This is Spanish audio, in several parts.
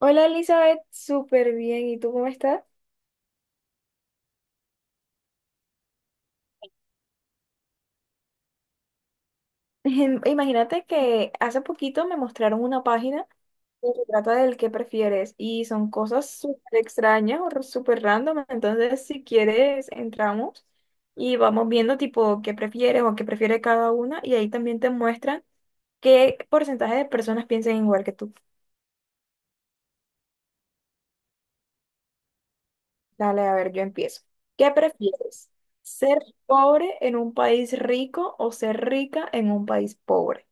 Hola Elizabeth, súper bien. ¿Y tú cómo estás? Imagínate que hace poquito me mostraron una página que se trata del qué prefieres y son cosas súper extrañas o súper random. Entonces, si quieres, entramos y vamos viendo tipo qué prefieres o qué prefiere cada una y ahí también te muestran qué porcentaje de personas piensan igual que tú. Dale, a ver, yo empiezo. ¿Qué prefieres? ¿Ser pobre en un país rico o ser rica en un país pobre?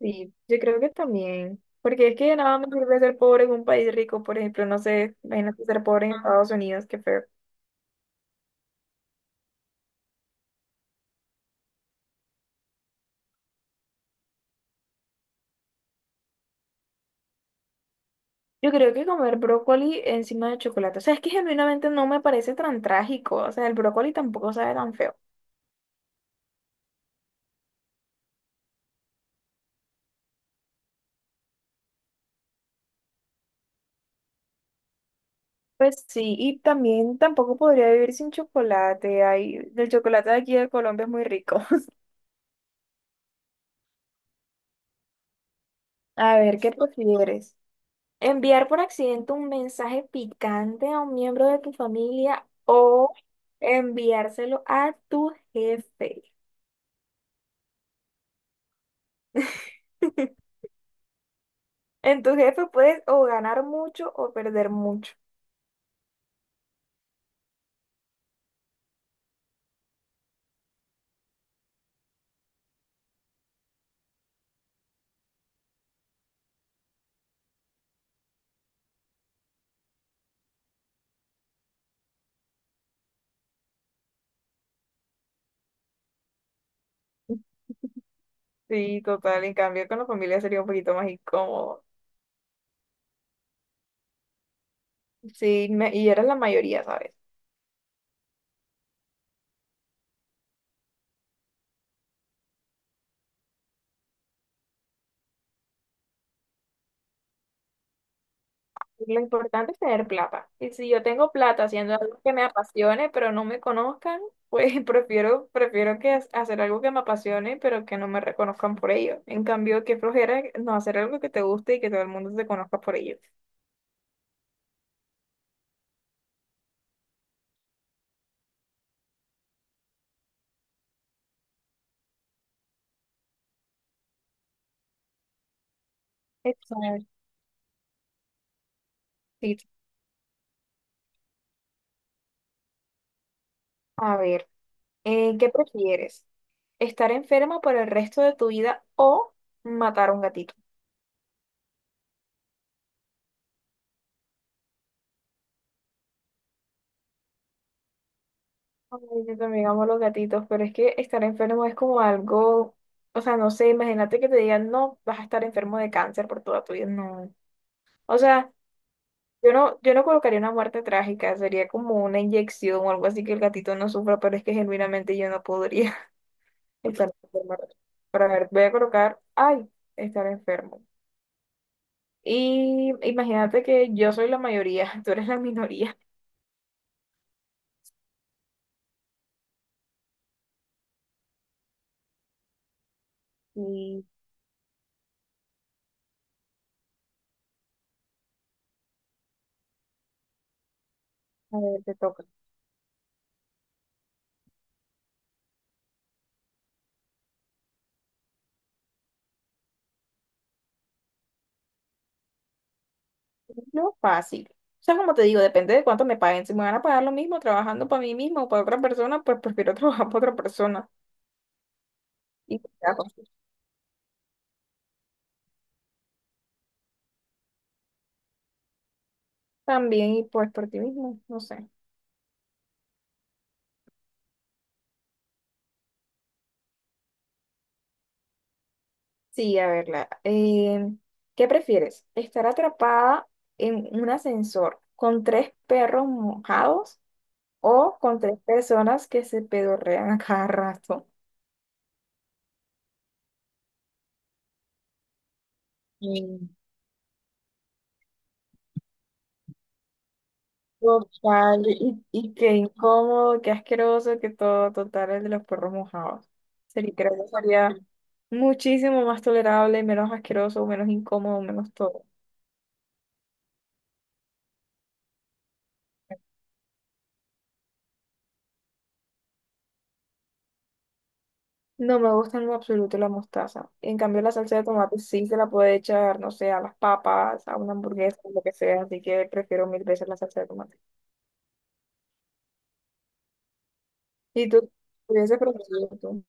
Sí, yo creo que también, porque es que de nada me sirve ser pobre en un país rico, por ejemplo, no sé, imagínate ser pobre en Estados Unidos, qué feo. Yo creo que comer brócoli encima de chocolate, o sea, es que genuinamente no me parece tan trágico, o sea, el brócoli tampoco sabe tan feo. Pues sí, y también tampoco podría vivir sin chocolate, ay, el chocolate de aquí de Colombia es muy rico. A ver, ¿qué prefieres? Enviar por accidente un mensaje picante a un miembro de tu familia o enviárselo a tu jefe. En tu jefe puedes o ganar mucho o perder mucho. Sí, total. En cambio, con la familia sería un poquito más incómodo. Sí, y eres la mayoría, ¿sabes? Lo importante es tener plata. Y si yo tengo plata haciendo algo que me apasione, pero no me conozcan, pues prefiero hacer algo que me apasione, pero que no me reconozcan por ello. En cambio, qué flojera no hacer algo que te guste y que todo el mundo te conozca por ello. Exacto. A ver, ¿qué prefieres? ¿Estar enferma por el resto de tu vida o matar a un gatito? Ay, yo también amo los gatitos, pero es que estar enfermo es como algo, o sea, no sé, imagínate que te digan, no, vas a estar enfermo de cáncer por toda tu vida, no. O sea, yo no colocaría una muerte trágica, sería como una inyección o algo así que el gatito no sufra, pero es que genuinamente yo no podría estar enfermo. Pero a ver, voy a colocar, ay, estar enfermo. Y imagínate que yo soy la mayoría, tú eres la minoría. Y a ver, te toca. Lo fácil. O sea, como te digo, depende de cuánto me paguen. Si me van a pagar lo mismo trabajando para mí mismo o para otra persona, pues prefiero trabajar para otra persona. Y pues, ya, pues, también, y pues por ti mismo, no sé. Sí, a verla la, ¿qué prefieres? ¿Estar atrapada en un ascensor con tres perros mojados o con tres personas que se pedorrean a cada rato? Mm. Total, y qué incómodo, qué asqueroso que todo, total, el de los perros mojados. Sería, creo que sería muchísimo más tolerable, menos asqueroso, menos incómodo, menos todo. No me gusta en lo absoluto la mostaza. En cambio, la salsa de tomate sí se la puede echar, no sé, a las papas, a una hamburguesa, lo que sea, así que prefiero mil veces la salsa de tomate. Y tú, hubiese preferido tú.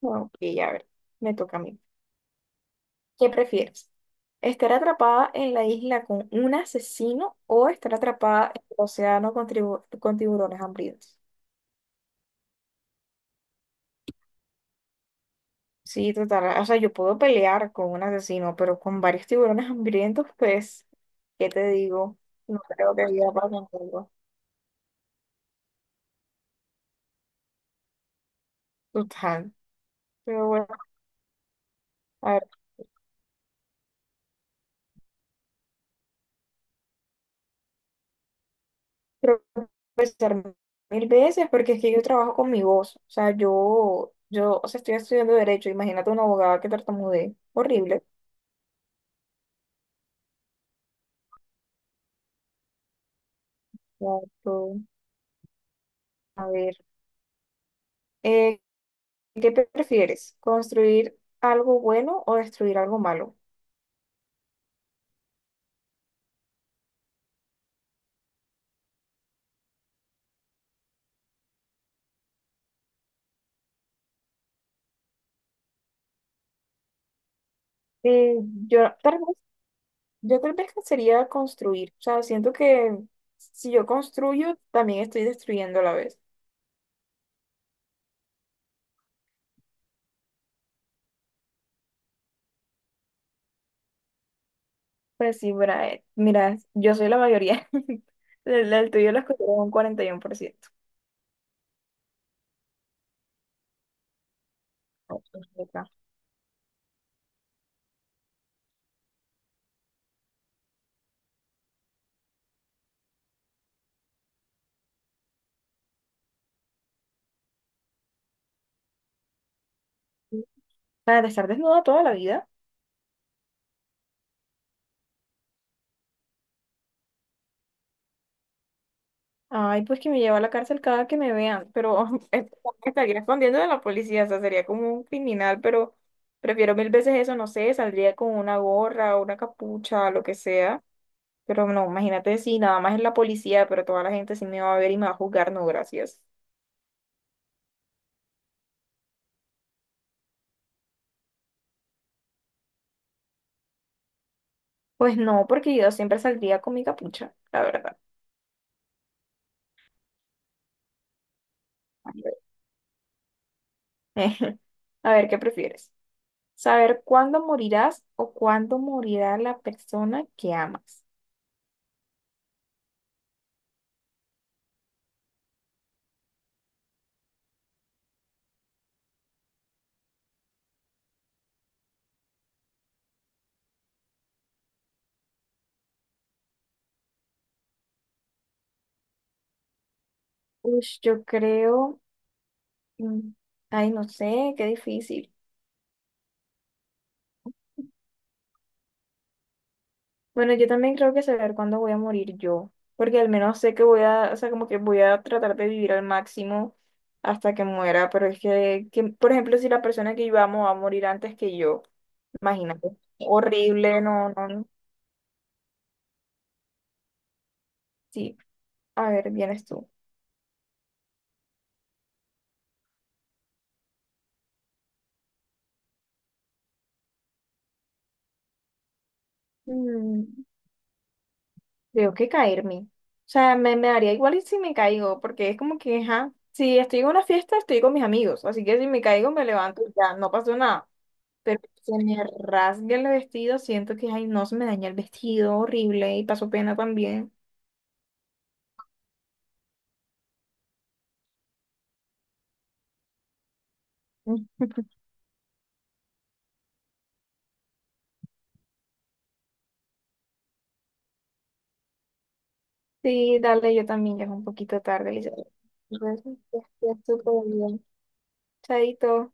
Bueno, y a ver, me toca a mí. ¿Qué prefieres? ¿Estar atrapada en la isla con un asesino o estar atrapada en el océano con, con tiburones hambrientos? Sí, total. O sea, yo puedo pelear con un asesino, pero con varios tiburones hambrientos, pues, ¿qué te digo? No creo que viva para algo. Total. Pero bueno, a ver, creo que pensar mil veces porque es que yo trabajo con mi voz. O sea, yo, o sea, estoy estudiando derecho. Imagínate una abogada que tartamudee. Horrible. Exacto. A ver. Eh, ¿Qué prefieres? ¿Construir algo bueno o destruir algo malo? Eh, yo tal vez, yo tal vez sería construir. O sea, siento que si yo construyo, también estoy destruyendo a la vez. Pues sí, Brae, mira, yo soy la mayoría. El tuyo lo escogió un 41%. Para estar desnuda toda la vida. Ay, pues que me lleva a la cárcel cada que me vean, pero me estaría escondiendo de la policía, o sea, sería como un criminal, pero prefiero mil veces eso, no sé, saldría con una gorra o una capucha, lo que sea, pero no, imagínate si nada más es la policía, pero toda la gente sí me va a ver y me va a juzgar, no, gracias. Pues no, porque yo siempre saldría con mi capucha, la verdad. A ver, ¿qué prefieres? ¿Saber cuándo morirás o cuándo morirá la persona que amas? Uy, yo creo... Mm. Ay, no sé, qué difícil. Bueno, yo también creo que saber cuándo voy a morir yo, porque al menos sé que voy a, o sea, como que voy a tratar de vivir al máximo hasta que muera, pero es que, por ejemplo, si la persona que yo amo va a morir antes que yo, imagínate, horrible, no, no, no. Sí. A ver, vienes tú. Mm, creo que caerme. O sea, me daría igual y si me caigo, porque es como que, ajá, si estoy en una fiesta, estoy con mis amigos, así que si me caigo, me levanto, y ya, no pasó nada. Pero se me rasga el vestido, siento que, ay, no, se me daña el vestido, horrible, y paso pena también. Sí, dale, yo también, ya es un poquito tarde, Elizabeth. Entonces, ya estoy súper bien. Chaito.